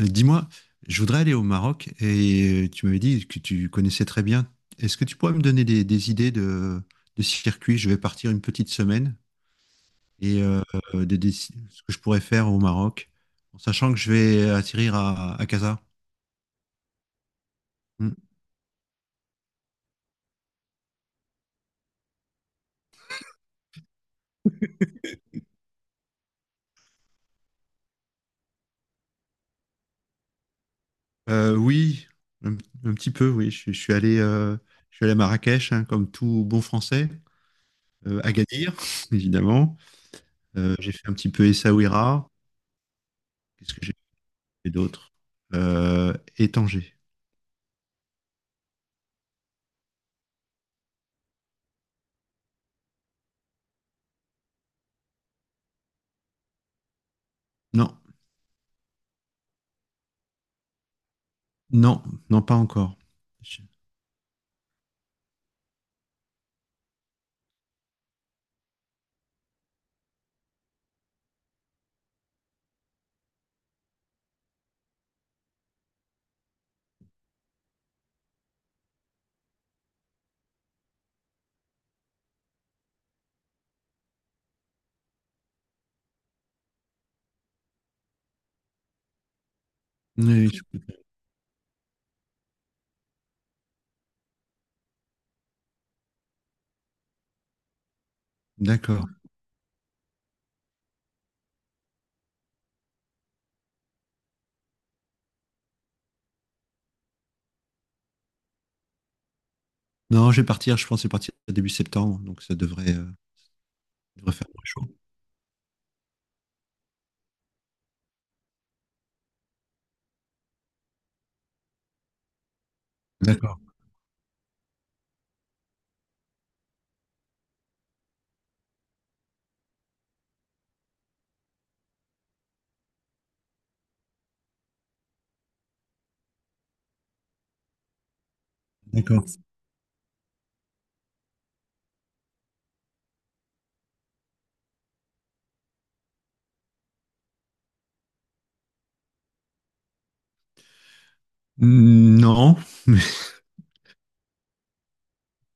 Dis-moi, je voudrais aller au Maroc et tu m'avais dit que tu connaissais très bien. Est-ce que tu pourrais me donner des idées de circuits? Je vais partir une petite semaine et ce que je pourrais faire au Maroc, en sachant que je vais atterrir à Casa. Hmm. Oui, un, un petit peu, oui. Je suis allé, je suis allé à Marrakech, hein, comme tout bon Français. Agadir, évidemment. J'ai fait un petit peu Essaouira. Qu'est-ce que j'ai fait d'autre? Et Tanger. Non, non, non, pas encore. Je- oui, ok. D'accord. Non, je vais partir, je pense que je vais partir début septembre, donc ça devrait, devrait faire moins chaud. D'accord, d'accord. Mm, non, mais je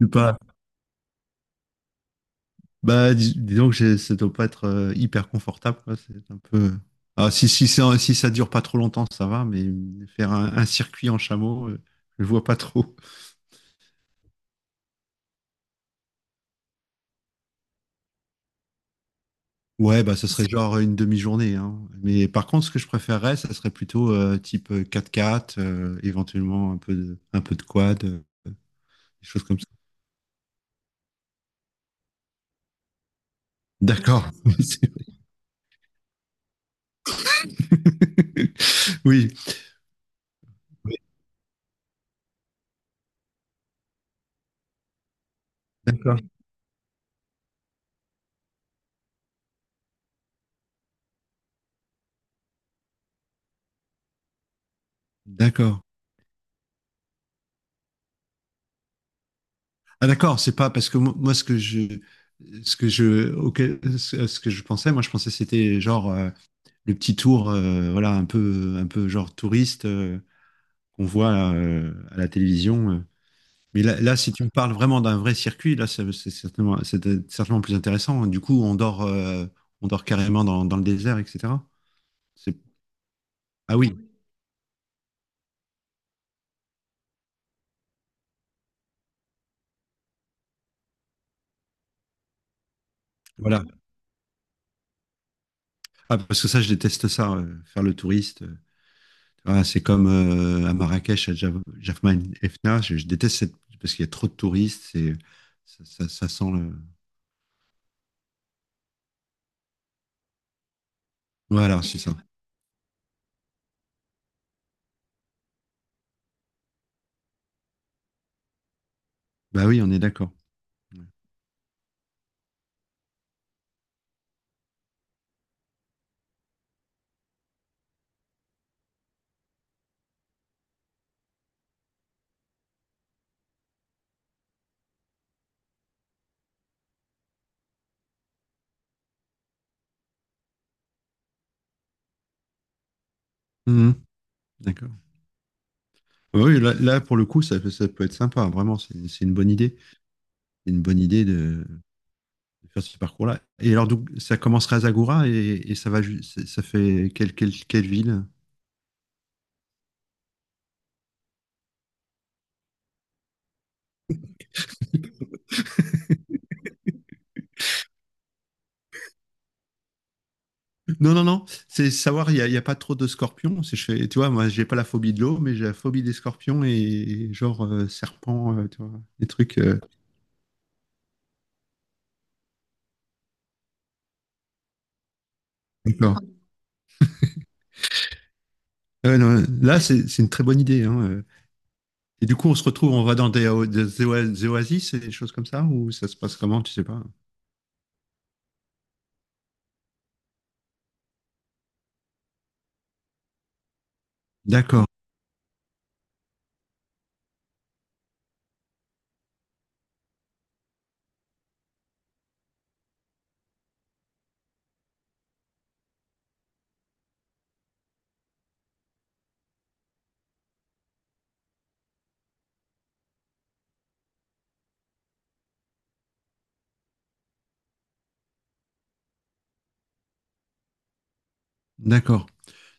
suis pas. Bah, disons que ça doit pas être hyper confortable, quoi. C'est un peu, euh. Ah, si, si, ça, si ça dure pas trop longtemps, ça va, mais faire un circuit en chameau, je vois pas trop. Ouais, bah, ça serait genre une demi-journée, hein. Mais par contre, ce que je préférerais, ça serait plutôt type 4 quatre 4 éventuellement un peu de quad, des choses comme ça. D'accord. C'est- Oui, d'accord, d'accord. Ah, d'accord, c'est pas parce que moi, ce que je, auquel- ce ce que je pensais, moi, je pensais que c'était genre le petit tour, voilà, un peu genre touriste qu'on voit là, à la télévision, euh. Mais là, si tu me parles vraiment d'un vrai circuit, là, c'est certainement, c'était certainement plus intéressant. Du coup, on dort carrément dans le désert, etc. C'est- Ah oui, voilà. Ah, parce que ça, je déteste ça, faire le touriste, euh. Ah, c'est comme à Marrakech, à Jafna et je déteste cette… parce qu'il y a trop de touristes. C'est… Ça, ça sent le. Voilà, c'est ça. Bah oui, on est d'accord. Mhm, d'accord. Ah oui, là, pour le coup, ça, ça peut être sympa. Vraiment, c'est une bonne idée. C'est une bonne idée de faire ce parcours-là. Et alors, donc, ça commencerait à Zagora et ça va ça fait quelle ville? Non, non, non. C'est savoir, il y a pas trop de scorpions. C'est, tu vois, moi, j'ai pas la phobie de l'eau, mais j'ai la phobie des scorpions genre serpents, tu vois, des trucs, d'accord. Ouais, non, là, c'est une très bonne idée, hein. Et du coup, on se retrouve, on va dans des, o- des oa- des oasis et des choses comme ça, ou ça se passe comment, tu sais pas. D'accord, d'accord.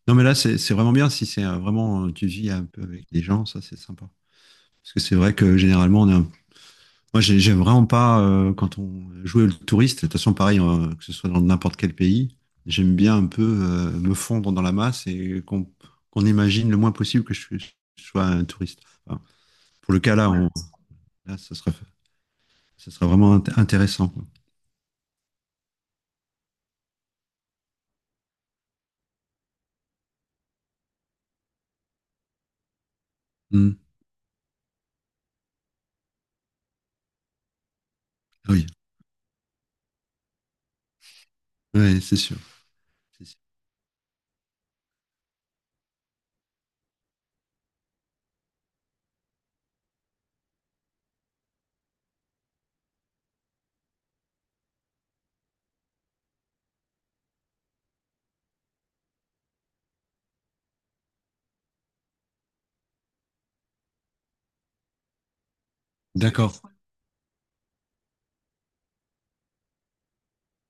Non, mais là, c'est vraiment bien si c'est vraiment, tu vis un peu avec des gens, ça, c'est sympa. Parce que c'est vrai que généralement, on est un… moi, j'aime vraiment pas quand on joue le touriste. De toute façon, pareil, que ce soit dans n'importe quel pays, j'aime bien un peu me fondre dans la masse et qu'on imagine le moins possible que je sois un touriste. Enfin, pour le cas là, là, ça serait vraiment intéressant, quoi. Hmm. Ah oui, ouais, c'est sûr. C'est sûr. D'accord.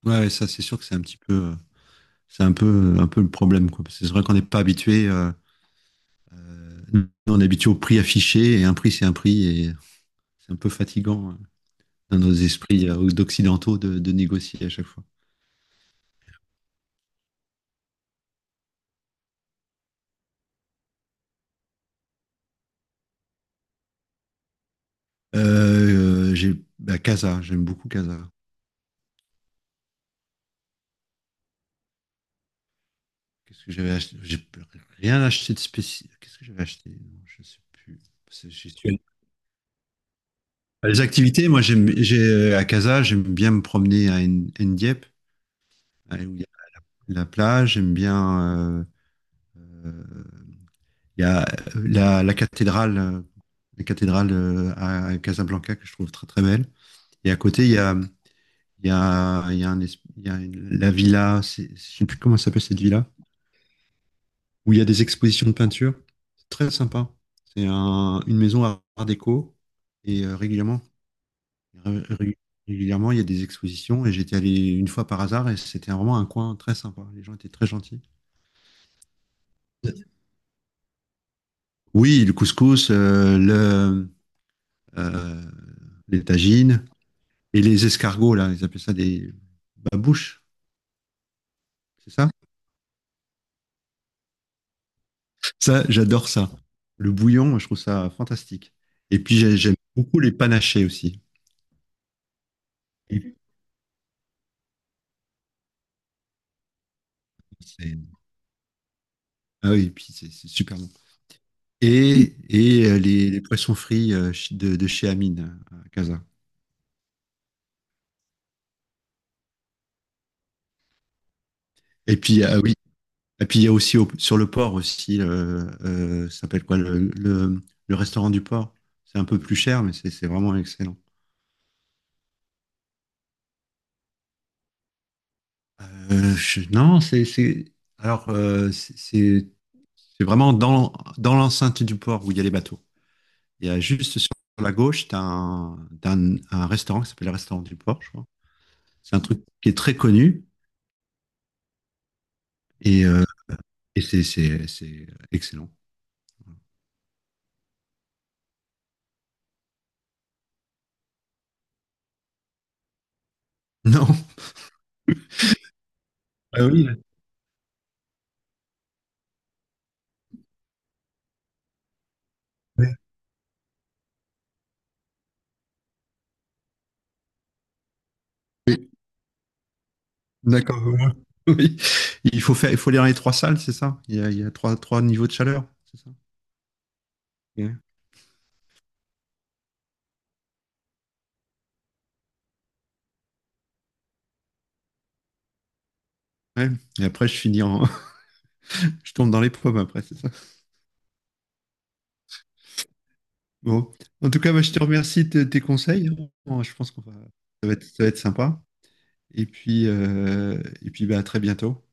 Ouais, ouais, ça, c'est sûr que c'est un petit peu, c'est un peu le problème, quoi. Parce que c'est vrai qu'on n'est pas habitué, nous, on est habitué au prix affiché et un prix, c'est un prix. Et c'est un peu fatigant hein, dans nos esprits d'occidentaux de négocier à chaque fois. J'ai bah, Casa, j'aime beaucoup Casa. Qu'est-ce que j'avais acheté? J'ai rien acheté de spécial. Qu'est-ce que j'avais acheté? Non, je sais plus. C'est- j'ai- Les activités, moi j'aime j'ai à Casa, j'aime bien me promener à Ndiep, où il y a la plage, j'aime bien euh, il y a la cathédrale à Casablanca que je trouve très très belle. Et à côté, il y a un es- il y a une- la villa, c'est- je ne sais plus comment ça s'appelle cette villa, où il y a des expositions de peinture. C'est très sympa. C'est un- une maison à art déco et régulièrement, ré- ré- régulièrement, il y a des expositions et j'étais allé une fois par hasard et c'était vraiment un coin très sympa. Les gens étaient très gentils. Oui, le couscous, euh, les tagines et les escargots, là, ils appellent ça des babouches, c'est ça? Ça, j'adore ça. Le bouillon, je trouve ça fantastique. Et puis, j'aime beaucoup les panachés aussi. Et puis, c'est- Ah oui, et puis c'est super bon. Et les poissons frits de chez Amine, à Casa. Et puis, ah oui. Et puis, il y a aussi sur le port aussi, ça s'appelle quoi, le restaurant du port. C'est un peu plus cher, mais c'est vraiment excellent. Non, Alors, euh, c'est c'est- c'est vraiment dans l'enceinte du port où il y a les bateaux. Il y a juste sur la gauche, tu as un restaurant qui s'appelle le restaurant du port, je crois. C'est un truc qui est très connu et, euh, et c'est excellent. Non. Ah oui, oui. D'accord. Oui. Il faut faire, il faut lire les trois salles, c'est ça? Il y a trois, trois niveaux de chaleur, c'est ça? Yeah. Ouais. Et après, je finis en, je tombe dans les pommes après, c'est ça? Bon. En tout cas, moi, je te remercie de tes conseils. Bon, je pense qu'on va, ça va être sympa. Et puis, bah, à très bientôt.